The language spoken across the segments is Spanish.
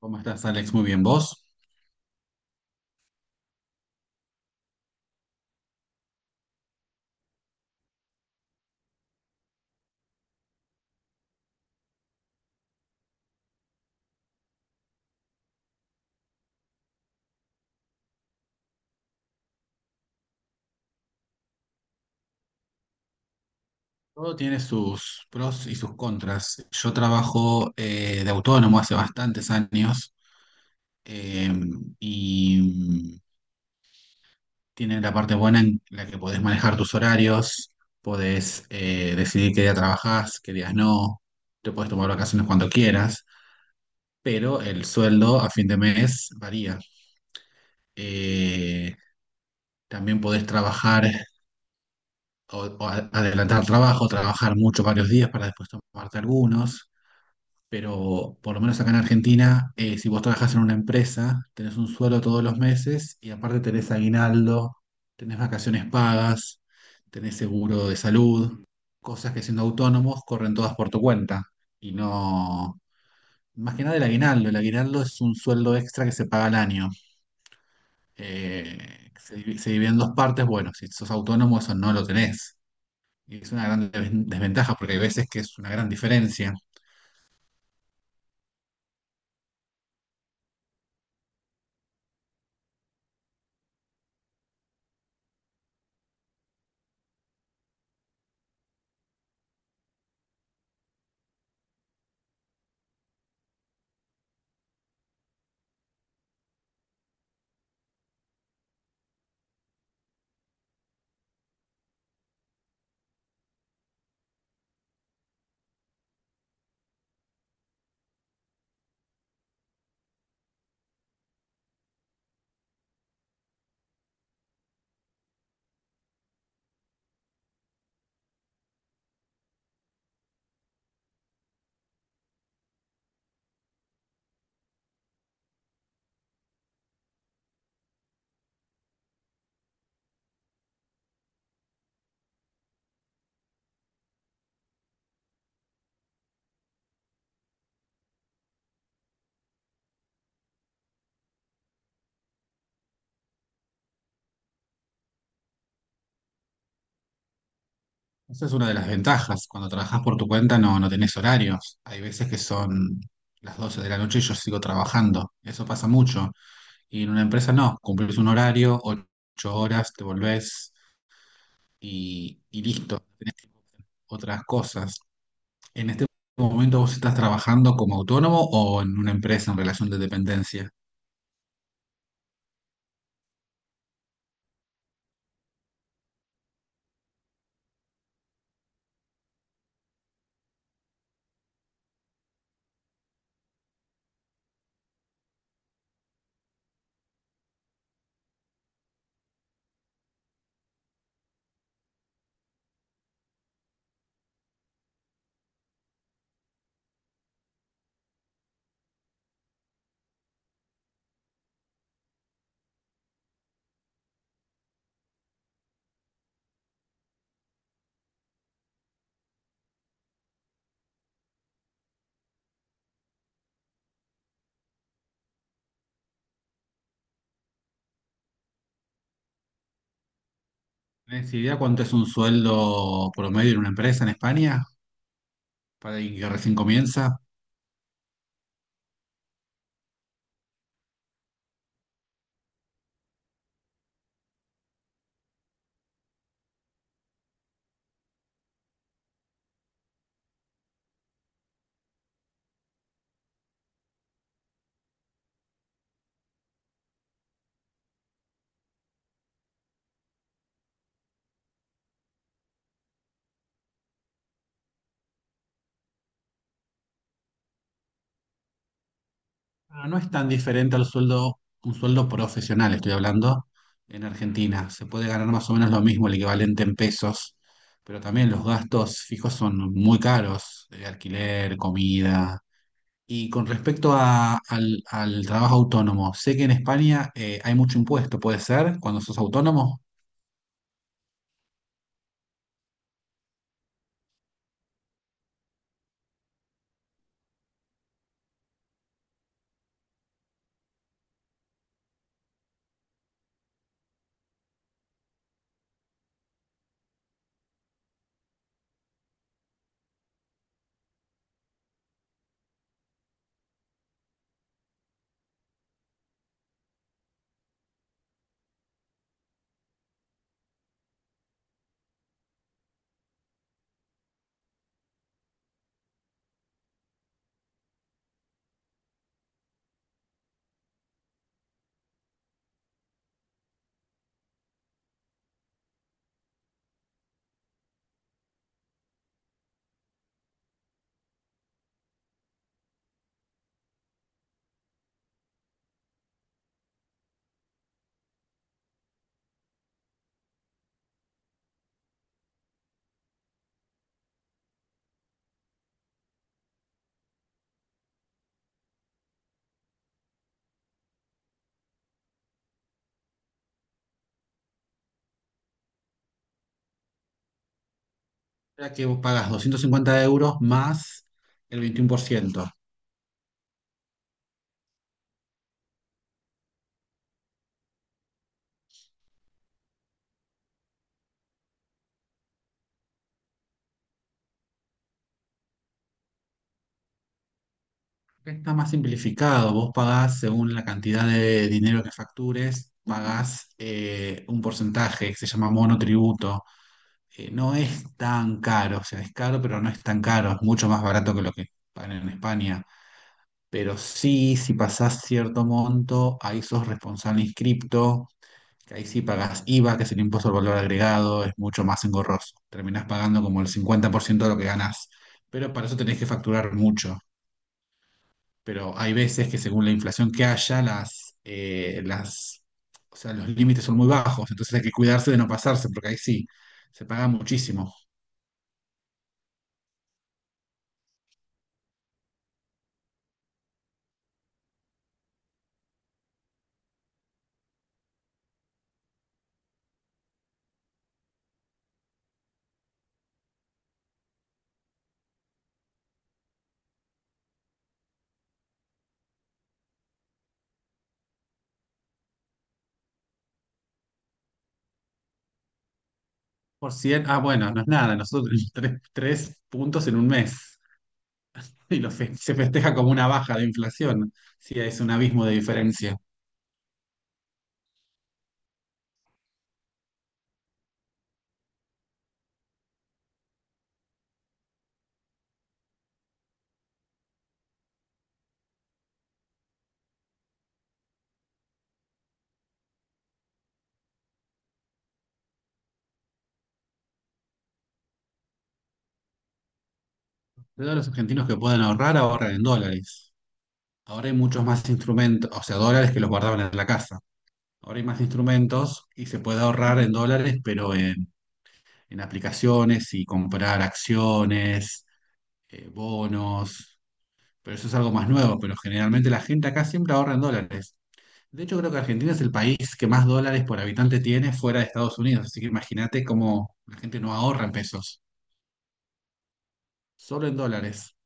¿Cómo estás, Alex? Muy bien, ¿vos? Todo tiene sus pros y sus contras. Yo trabajo de autónomo hace bastantes años eh, y tiene la parte buena en la que podés manejar tus horarios, podés decidir qué día trabajás, qué días no, te podés tomar vacaciones cuando quieras, pero el sueldo a fin de mes varía. Eh, también podés trabajar adelantar trabajo, trabajar mucho varios días para después tomarte algunos. Pero por lo menos acá en Argentina, si vos trabajás en una empresa, tenés un sueldo todos los meses y aparte tenés aguinaldo, tenés vacaciones pagas, tenés seguro de salud, cosas que siendo autónomos corren todas por tu cuenta. Y no, más que nada el aguinaldo, el aguinaldo es un sueldo extra que se paga al año. Se divide en dos partes, bueno, si sos autónomo eso no lo tenés. Y es una gran desventaja porque hay veces que es una gran diferencia. Esa es una de las ventajas. Cuando trabajas por tu cuenta no tenés horarios. Hay veces que son las 12 de la noche y yo sigo trabajando. Eso pasa mucho. Y en una empresa no. Cumplís un horario, ocho horas, te volvés y listo. Tenés tiempo para hacer otras cosas. ¿En este momento vos estás trabajando como autónomo o en una empresa en relación de dependencia? ¿Tenés idea cuánto es un sueldo promedio en una empresa en España para alguien que recién comienza? Ah, no es tan diferente al sueldo, un sueldo profesional, estoy hablando, en Argentina. Se puede ganar más o menos lo mismo, el equivalente en pesos, pero también los gastos fijos son muy caros, alquiler, comida. Y con respecto al trabajo autónomo, sé que en España hay mucho impuesto, puede ser, cuando sos autónomo, ya que vos pagas 250 euros más el 21%. Está más simplificado. Vos pagás según la cantidad de dinero que factures, pagás un porcentaje que se llama monotributo. No es tan caro, o sea, es caro, pero no es tan caro. Es mucho más barato que lo que pagan en España. Pero sí, si pasás cierto monto, ahí sos responsable inscripto, que ahí sí pagás IVA, que es el impuesto al valor agregado, es mucho más engorroso. Terminás pagando como el 50% de lo que ganás. Pero para eso tenés que facturar mucho, pero hay veces que según la inflación que haya, o sea, los límites son muy bajos, entonces hay que cuidarse de no pasarse, porque ahí sí, se paga muchísimo. Por cien, ah, bueno, no es nada, nosotros tres puntos en un mes, y lo se festeja como una baja de inflación, sí, es un abismo de diferencia. Todos los argentinos que pueden ahorrar, ahorran en dólares. Ahora hay muchos más instrumentos, o sea, dólares que los guardaban en la casa. Ahora hay más instrumentos y se puede ahorrar en dólares, pero en aplicaciones y comprar acciones, bonos, pero eso es algo más nuevo, pero generalmente la gente acá siempre ahorra en dólares. De hecho, creo que Argentina es el país que más dólares por habitante tiene fuera de Estados Unidos, así que imagínate cómo la gente no ahorra en pesos, solo en dólares.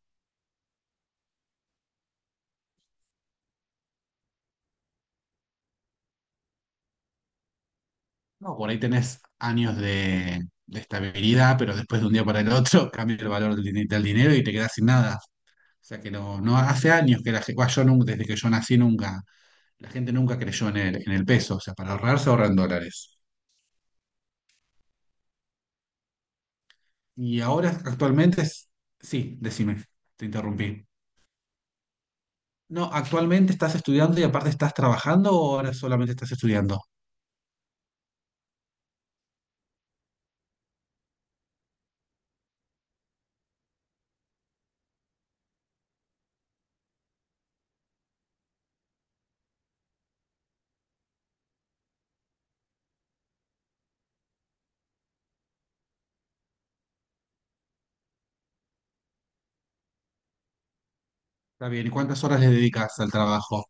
No, por ahí tenés años de estabilidad, pero después de un día para el otro cambia el valor del dinero y te quedas sin nada. O sea que no, no hace años que la gente, yo nunca, desde que yo nací nunca la gente nunca creyó en en el peso, o sea, para ahorrar se ahorran dólares. Y ahora actualmente es... Sí, decime, te interrumpí. No, actualmente, ¿estás estudiando y aparte estás trabajando o ahora solamente estás estudiando? Está bien, ¿y cuántas horas le dedicas al trabajo?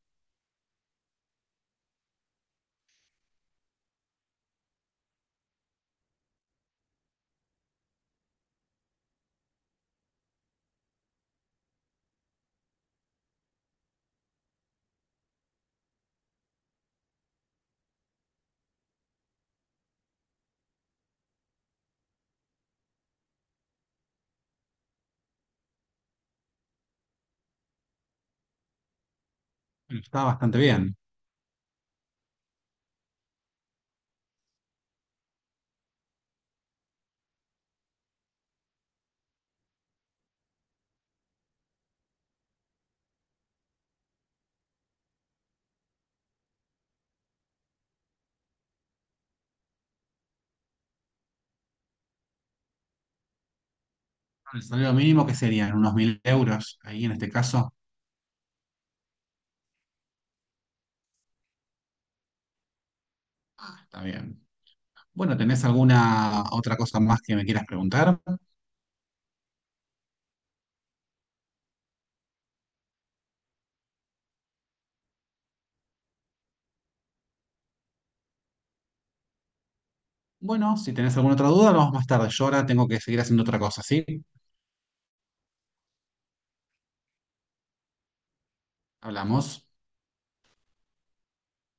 Bueno, está bastante bien. El salario mínimo que serían unos 1000 euros, ahí en este caso, está bien. Bueno, ¿tenés alguna otra cosa más que me quieras preguntar? Bueno, si tenés alguna otra duda, hablamos más tarde. Yo ahora tengo que seguir haciendo otra cosa, ¿sí? Hablamos.